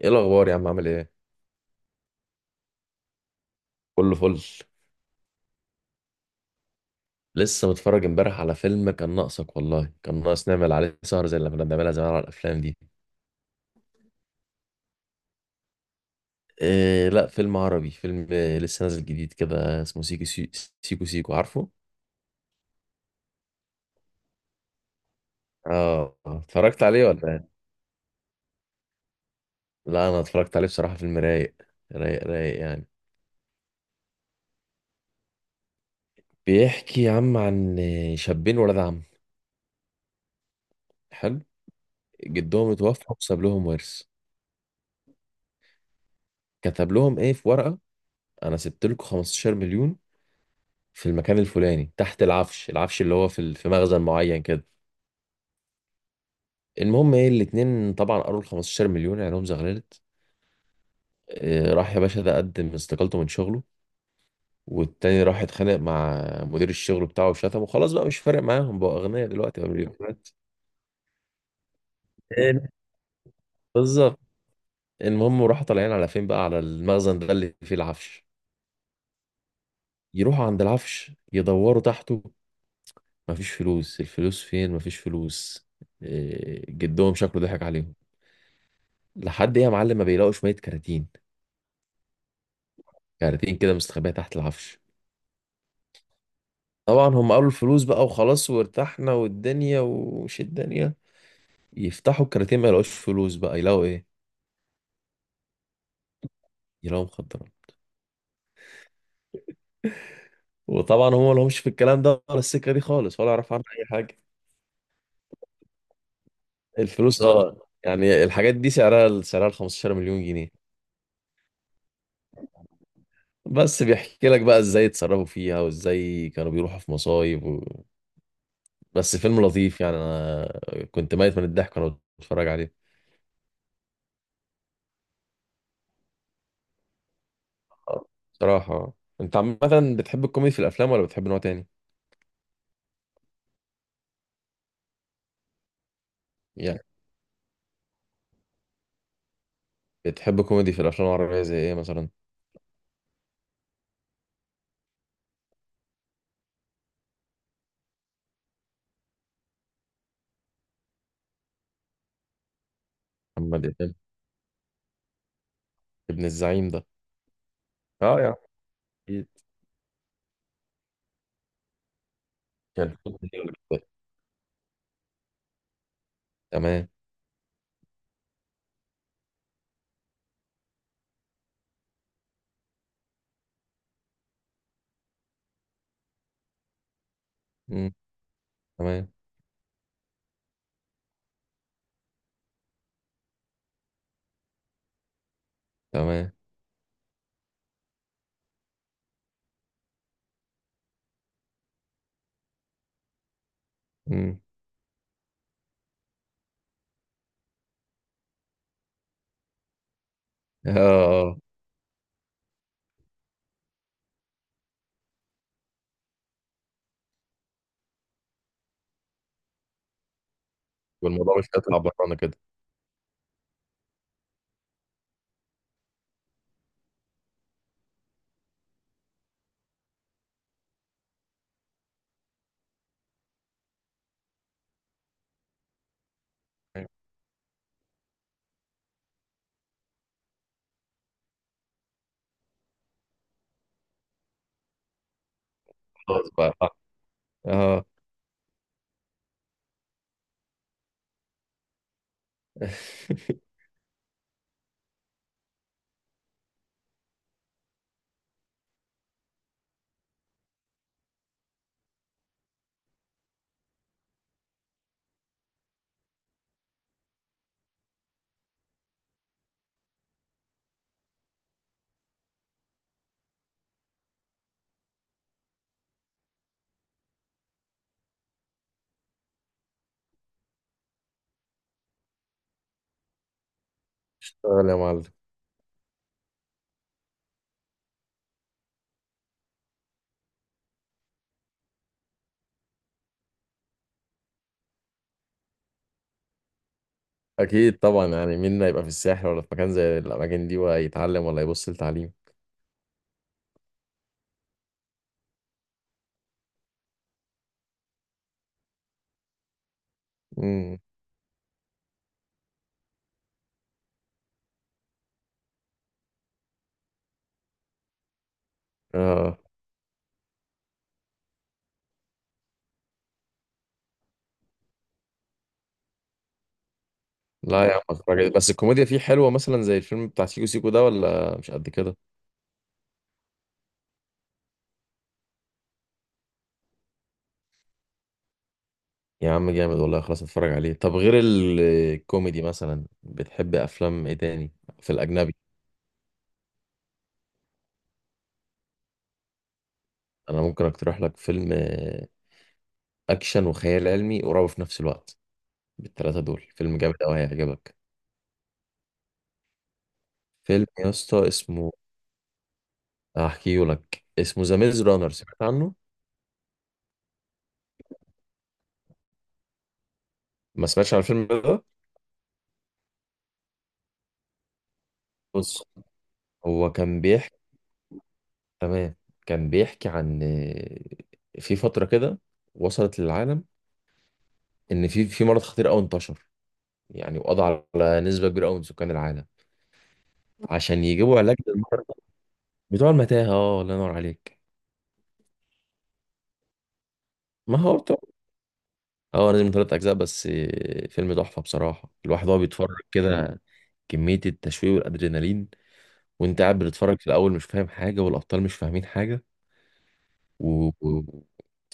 ايه الاخبار يا عم؟ عامل ايه؟ كله فل. لسه متفرج امبارح على فيلم. كان ناقصك والله، كان ناقص نعمل عليه سهر زي اللي كنا بنعملها زمان على الافلام دي. إيه لا، فيلم عربي. فيلم لسه نازل جديد كده، اسمه سيكو سيكو سيكو، عارفه. اه، اتفرجت عليه ولا إيه؟ لا انا اتفرجت عليه، بصراحة فيلم رايق. رايق رايق يعني. بيحكي يا عم عن شابين ولاد عم. حلو. جدهم اتوفى وساب لهم ورث، كتب لهم ايه في ورقة: انا سبت لكم 15 مليون في المكان الفلاني تحت العفش. العفش اللي هو في مخزن معين كده. المهم ايه، الاتنين طبعا قروا ال 15 مليون، عينهم زغللت. راح يا باشا ده قدم استقالته من شغله، والتاني راح اتخانق مع مدير الشغل بتاعه وشتمه. خلاص بقى مش فارق معاهم، بقوا اغنياء دلوقتي، بقى مليونيرات. إيه؟ بالظبط. المهم راحوا طالعين على فين بقى؟ على المخزن ده اللي فيه العفش. يروحوا عند العفش يدوروا تحته، مفيش فلوس. الفلوس فين؟ مفيش فلوس. جدهم شكله ضحك عليهم. لحد ايه يا معلم ما بيلاقوا شوية كراتين، كارتين كده مستخبية تحت العفش. طبعا هم قالوا الفلوس بقى وخلاص وارتحنا والدنيا ومش الدنيا. يفتحوا الكارتين، ما يلاقوش فلوس، بقى يلاقوا ايه؟ يلاقوا مخدرات. وطبعا هم ما لهمش في الكلام ده ولا السكة دي خالص، ولا يعرفوا عنها اي حاجة. الفلوس اه يعني الحاجات دي سعرها 15 مليون جنيه. بس بيحكي لك بقى ازاي اتصرفوا فيها، وازاي كانوا بيروحوا في مصايب. بس فيلم لطيف يعني. انا كنت ميت من الضحك وانا بتفرج عليه. آه، بصراحة انت عامة بتحب الكوميدي في الافلام ولا بتحب نوع تاني؟ يعني بتحب كوميدي في الافلام العربيه زي ايه مثلا؟ محمد امام، ابن الزعيم ده. اه يا عم، اكيد. كان كوميدي ولا كده؟ تمام. مم. تمام. تمام. مم. اه. اه. والموضوع مش هيطلع برانا كده. خلاص بقى. اه. اشتغل يا معلم. اكيد طبعا، يعني مين هيبقى في الساحل ولا في مكان زي الاماكن دي ويتعلم ولا يبص لتعليم؟ امم. اه لا يا عم، اتفرج. بس الكوميديا فيه حلوه مثلا زي الفيلم بتاع سيكو سيكو ده ولا مش قد كده؟ يا عم جامد والله، خلاص اتفرج عليه. طب غير الكوميدي مثلا بتحب افلام ايه تاني؟ في الاجنبي. انا ممكن اقترح لك فيلم اكشن وخيال علمي قريب في نفس الوقت. بالثلاثه دول، فيلم جامد قوي هيعجبك. فيلم يا اسطى اسمه، هحكيه لك. اسمه ذا ميز رانر، سمعت عنه؟ ما سمعتش عن الفيلم ده. بص، كان بيحكي. تمام. كان بيحكي عن في فتره كده وصلت للعالم، ان في مرض خطير قوي انتشر يعني، وقضى على نسبه كبيره قوي من سكان العالم. عشان يجيبوا علاج للمرضى. بتوع المتاهة، اه، الله ينور عليك. ما هو بتوع اه، نزل من ثلاث أجزاء بس. فيلم تحفة بصراحة. الواحد وهو بيتفرج كده كمية التشويق والأدرينالين. وأنت قاعد بتتفرج في الأول مش فاهم حاجة، والأبطال مش فاهمين حاجة. و... و-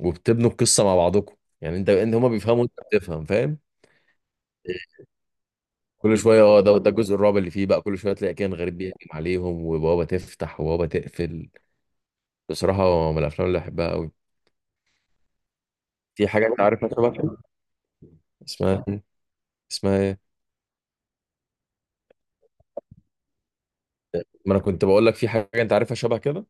وبتبنوا القصة مع بعضكم، يعني أنت هما بيفهموا وأنت بتفهم، فاهم. كل شوية اه، ده الجزء الرابع اللي فيه بقى، كل شوية تلاقي كان غريب بيهجم عليهم، وبوابة تفتح وبوابة تقفل. بصراحة من الأفلام اللي بحبها أوي. في حاجة أنت عارفها شبه كده بقى؟ اسمها، اسمها إيه؟ ما انا كنت بقول لك في حاجه انت عارفها شبه كده.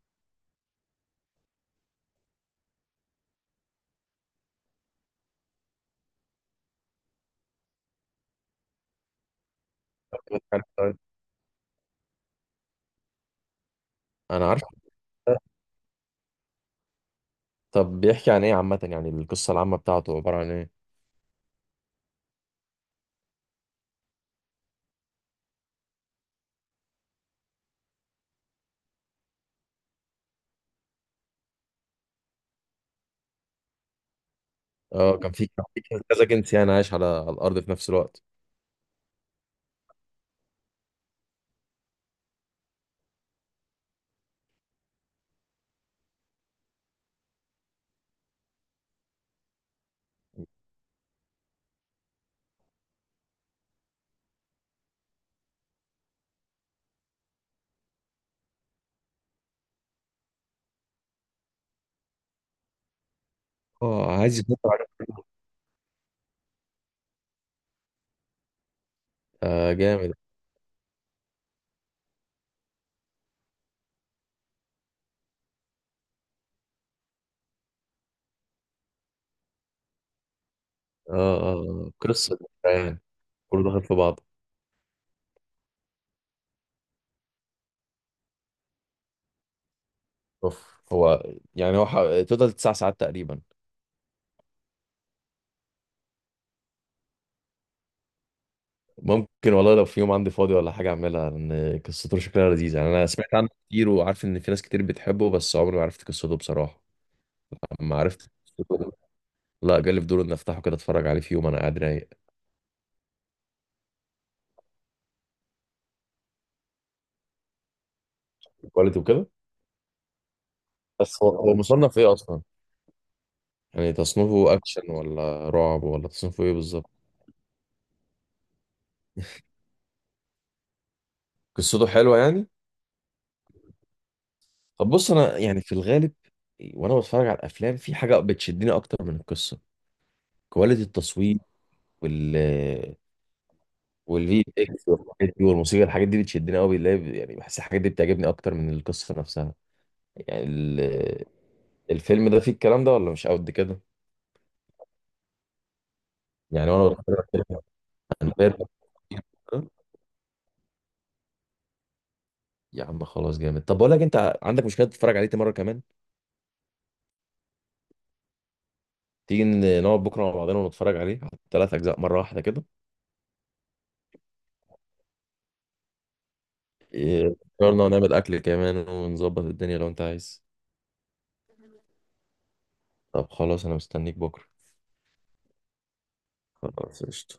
عارف- انا عارف ده. طب بيحكي عن ايه عامه؟ يعني القصه العامه بتاعته عباره عن ايه؟ اه كان في كذا جنس يعني عايش على على الارض في نفس الوقت. اه، عايز آه جامد. اه. اه. قصه يعني، كله داخل في بعض. اوف. هو يعني هو ح- توتال تسع ساعات تقريبا. ممكن والله، لو في يوم عندي فاضي ولا حاجه اعملها، لان قصته شكلها لذيذ يعني. انا سمعت عنه كتير، وعارف ان في ناس كتير بتحبه، بس عمري ما عرفت قصته بصراحه. اما عرفت قصته، لا جالي فضول ان افتحه كده اتفرج عليه في يوم انا قاعد رايق. كواليتي وكده. بس هو مصنف ايه اصلا؟ يعني تصنيفه اكشن ولا رعب ولا تصنيفه ايه بالظبط؟ قصته حلوه يعني. طب بص، انا يعني في الغالب وانا بتفرج على الافلام في حاجه بتشدني اكتر من القصه: كواليتي التصوير، وال والفي اكس والحاجات دي، والموسيقى. الحاجات دي بتشدني قوي، يعني بحس الحاجات دي بتعجبني اكتر من القصه نفسها. يعني ال... الفيلم ده فيه الكلام ده ولا مش قد كده؟ يعني وانا بتفرج كده عن، يا عم خلاص جامد. طب بقول لك، انت عندك مشكله تتفرج عليه تاني مره كمان؟ تيجي نقعد بكره مع بعضنا ونتفرج عليه على ثلاث اجزاء مره واحده كده. قررنا نعمل اكل كمان ونظبط الدنيا لو انت عايز. طب خلاص، انا مستنيك بكره. خلاص قشطة.